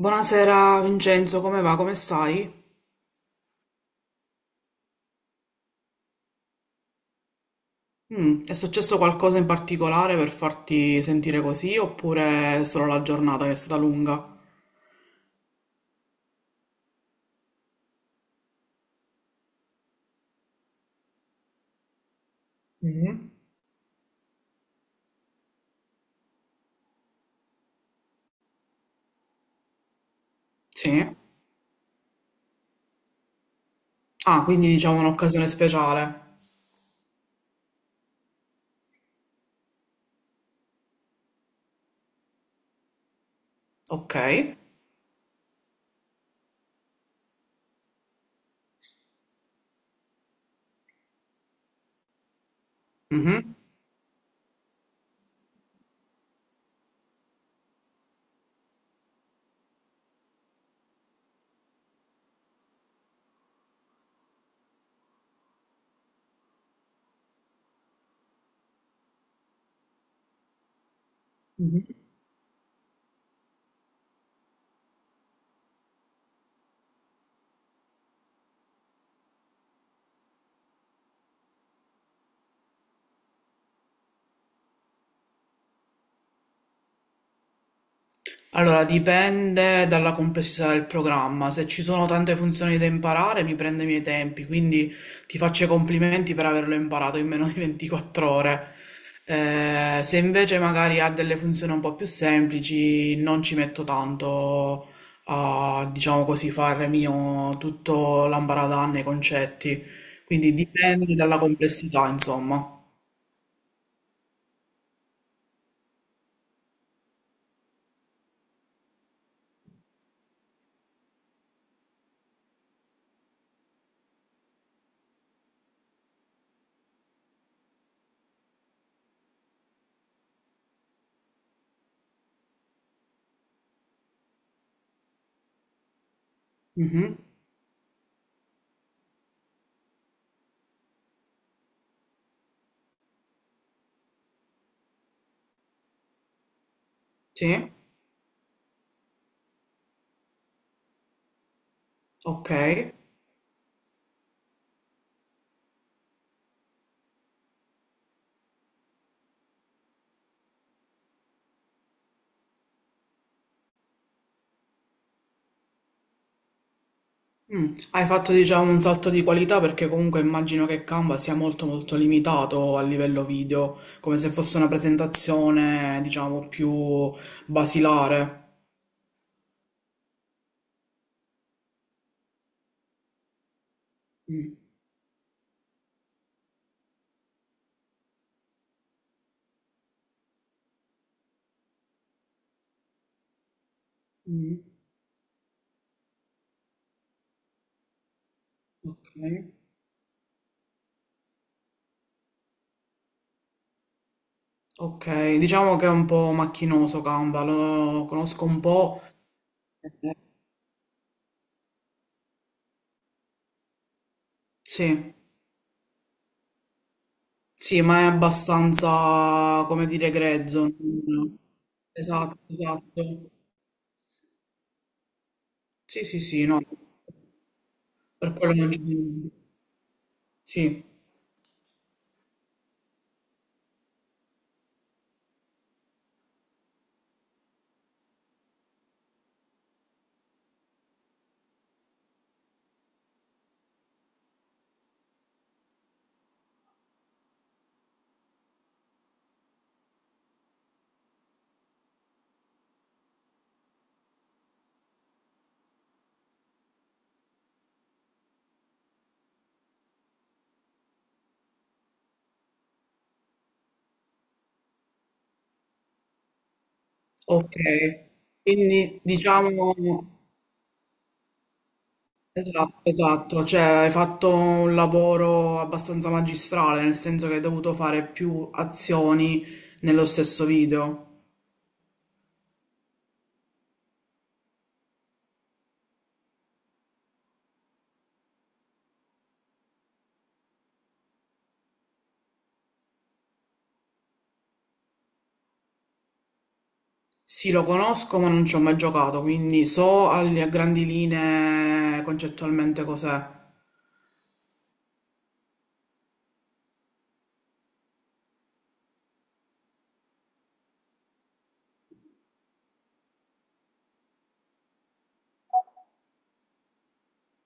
Buonasera Vincenzo, come va? Come stai? È successo qualcosa in particolare per farti sentire così oppure è solo la giornata che è stata lunga? Mhm. Sì. Ah, quindi diciamo un'occasione speciale. Ok. Mhm. Allora, dipende dalla complessità del programma. Se ci sono tante funzioni da imparare, mi prende i miei tempi, quindi ti faccio i complimenti per averlo imparato in meno di 24 ore. Se invece magari ha delle funzioni un po' più semplici, non ci metto tanto a, diciamo così, fare mio tutto l'ambaradan nei concetti. Quindi dipende dalla complessità, insomma. Mhm. Sì, ok. Hai fatto diciamo un salto di qualità perché comunque immagino che Canva sia molto limitato a livello video, come se fosse una presentazione diciamo più basilare. Mm. Mm. Ok. Ok, diciamo che è un po' macchinoso Canva, lo conosco un po'. Eh, Sì, sì, ma è abbastanza, come dire, grezzo. non- Esatto, esatto. Sì, sì, sì, no, per quello non... Sì, ok, quindi diciamo, esatto, esatto, cioè hai fatto un lavoro abbastanza magistrale, nel senso che hai dovuto fare più azioni nello stesso video. Sì, lo conosco, ma non ci ho mai giocato, quindi a grandi linee concettualmente cos'è.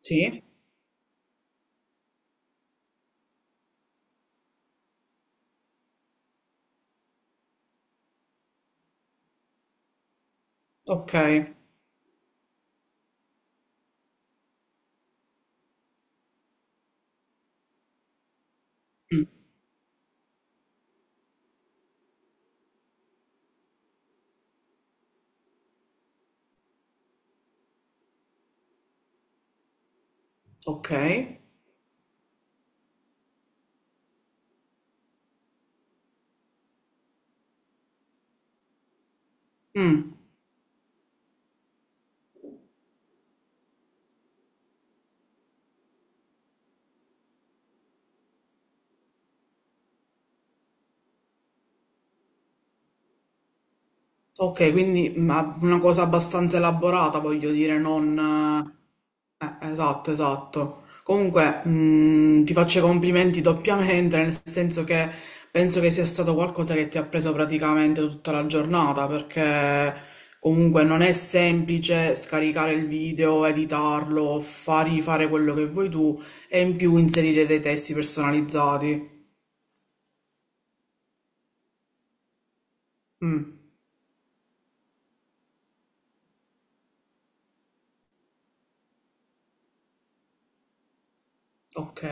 Sì? Ok, ok. Mm, ok, ma una cosa abbastanza elaborata, voglio dire, non... esatto, esatto. Comunque, ti faccio i complimenti doppiamente, nel senso che penso che sia stato qualcosa che ti ha preso praticamente tutta la giornata, perché comunque non è semplice scaricare il video, editarlo, fargli fare quello che vuoi tu e in più inserire dei testi personalizzati. Mm, ok,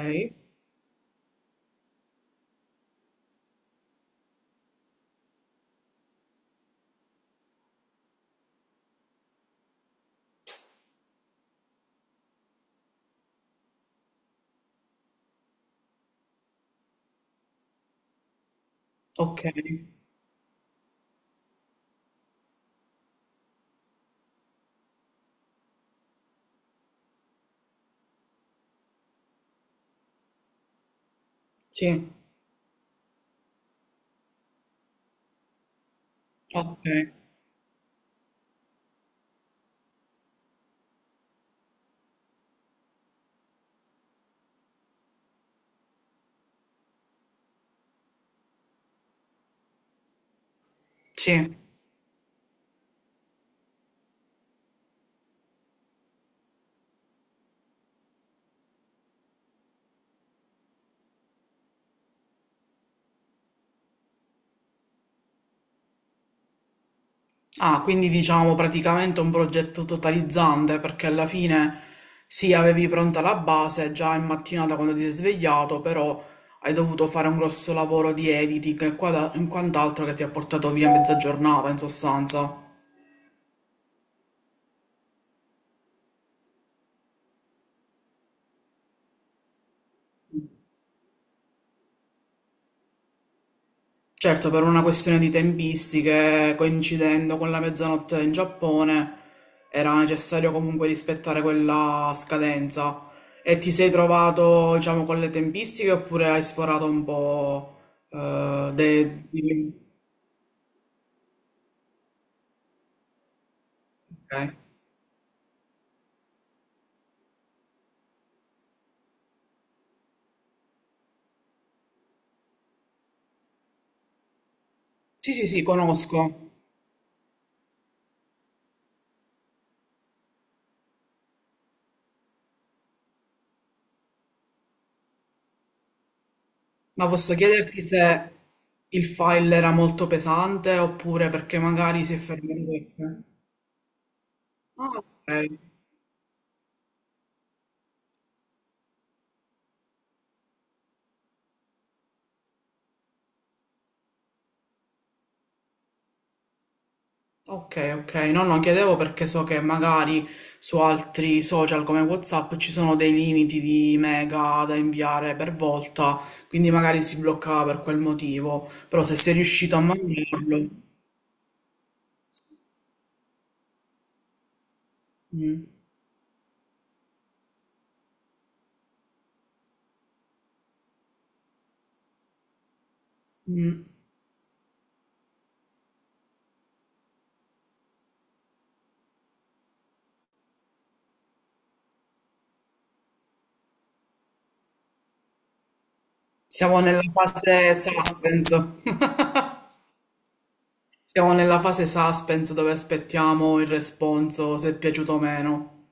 ok, sì, ok, sì. Ah, quindi diciamo praticamente un progetto totalizzante perché alla fine sì, avevi pronta la base già in mattinata quando ti sei svegliato, però hai dovuto fare un grosso lavoro di editing e e quant'altro che ti ha portato via mezza giornata in sostanza. Certo, per una questione di tempistiche, coincidendo con la mezzanotte in Giappone, era necessario comunque rispettare quella scadenza. E ti sei trovato, diciamo, con le tempistiche oppure hai sforato un po'? eh, de- di- ok. Sì, sì, sì, conosco, ma posso chiederti se il file era molto pesante oppure perché magari si è fermato. Ah, ok. Ok, ok, no, no, chiedevo perché so che magari su altri social come WhatsApp ci sono dei limiti di mega da inviare per volta, quindi magari si bloccava per quel motivo, però se sei riuscito a mantenerlo, mm. Mm. Siamo nella fase suspense, siamo nella fase suspense dove aspettiamo il responso se è piaciuto o meno.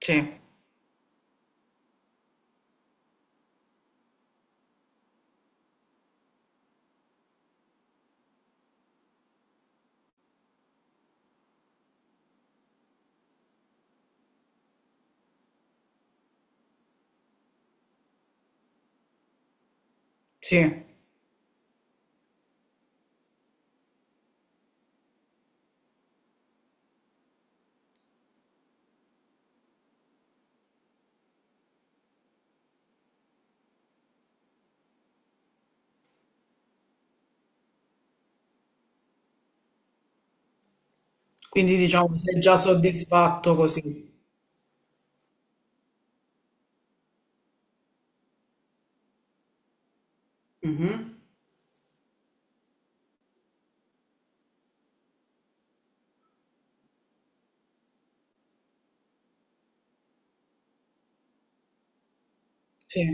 Sì, sì, quindi diciamo sei già soddisfatto così. Mhm. Sì.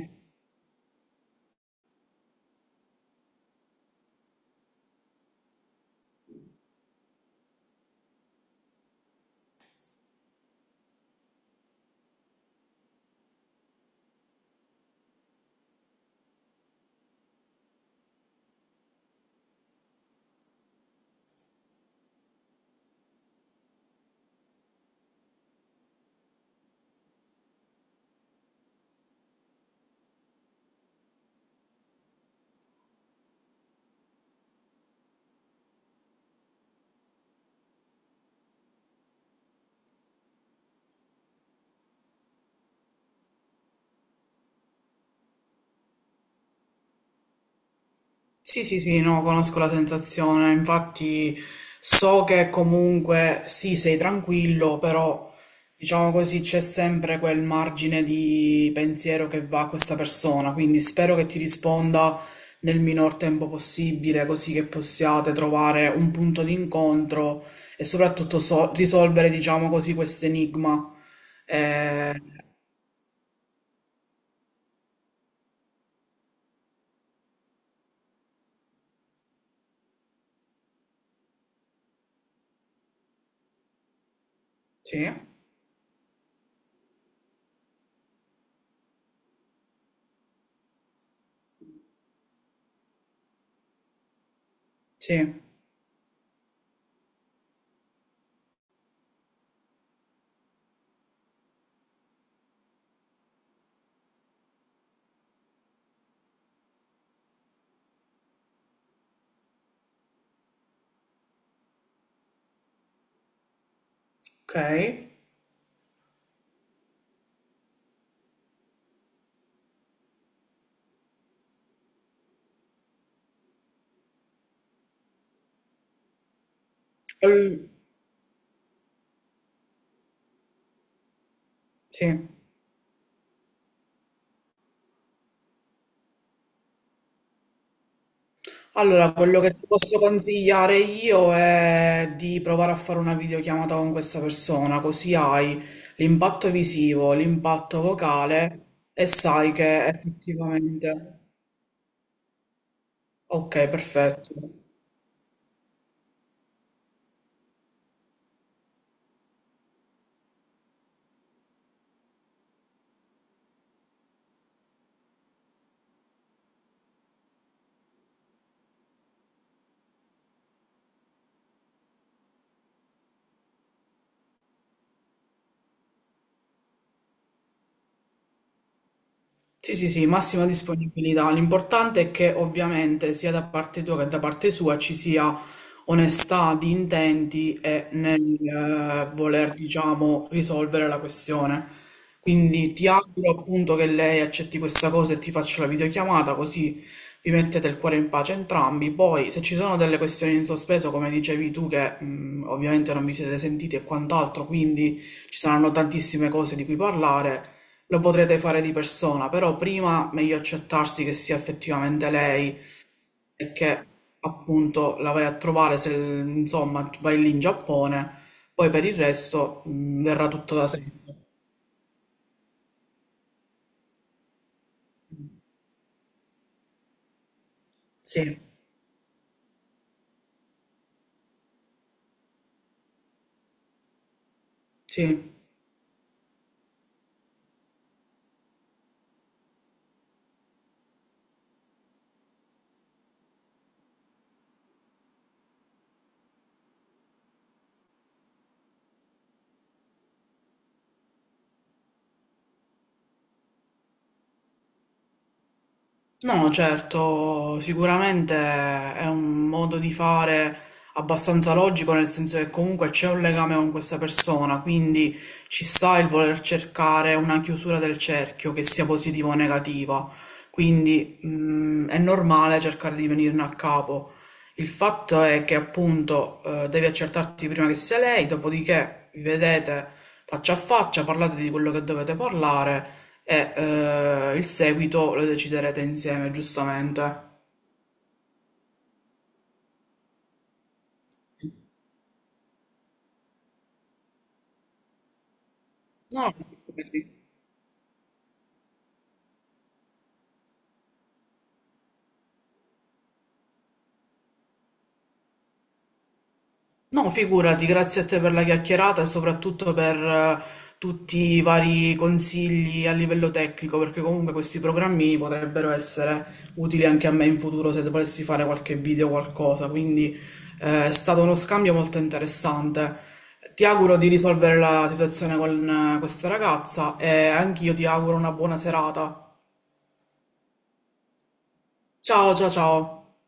Sì, sì, sì, no, conosco la sensazione, infatti so che comunque sì, sei tranquillo, però diciamo così c'è sempre quel margine di pensiero che va a questa persona, quindi spero che ti risponda nel minor tempo possibile, così che possiate trovare un punto di incontro e soprattutto risolvere, diciamo così, questo enigma. Eh, sì, sì, ok. Ehm. Sì. Allora, quello che ti posso consigliare io è di provare a fare una videochiamata con questa persona, così hai l'impatto visivo, l'impatto vocale e sai che effettivamente... Ok, perfetto. Sì, sì, sì, massima disponibilità. L'importante è che ovviamente sia da parte tua che da parte sua ci sia onestà di intenti e nel voler, diciamo, risolvere la questione. Quindi ti auguro appunto che lei accetti questa cosa e ti faccia la videochiamata, così vi mettete il cuore in pace entrambi. Poi, se ci sono delle questioni in sospeso, come dicevi tu, che ovviamente non vi siete sentiti e quant'altro, quindi ci saranno tantissime cose di cui parlare. Lo potrete fare di persona, però prima meglio accertarsi che sia effettivamente lei e che appunto la vai a trovare se insomma vai lì in Giappone, poi per il resto verrà tutto da sé. Sì, sì. No, certo, sicuramente è un modo di fare abbastanza logico, nel senso che comunque c'è un legame con questa persona, quindi ci sta il voler cercare una chiusura del cerchio, che sia positiva o negativa. Quindi, è normale cercare di venirne a capo. Il fatto è che appunto devi accertarti prima che sia lei, dopodiché vi vedete faccia a faccia, parlate di quello che dovete parlare e il seguito lo deciderete insieme, giustamente. No, no. No, figurati, grazie a te per la chiacchierata e soprattutto per tutti i vari consigli a livello tecnico, perché comunque questi programmini potrebbero essere utili anche a me in futuro se volessi fare qualche video o qualcosa. Quindi è stato uno scambio molto interessante. Ti auguro di risolvere la situazione con questa ragazza e anch'io ti auguro una buona serata. Ciao, ciao, ciao.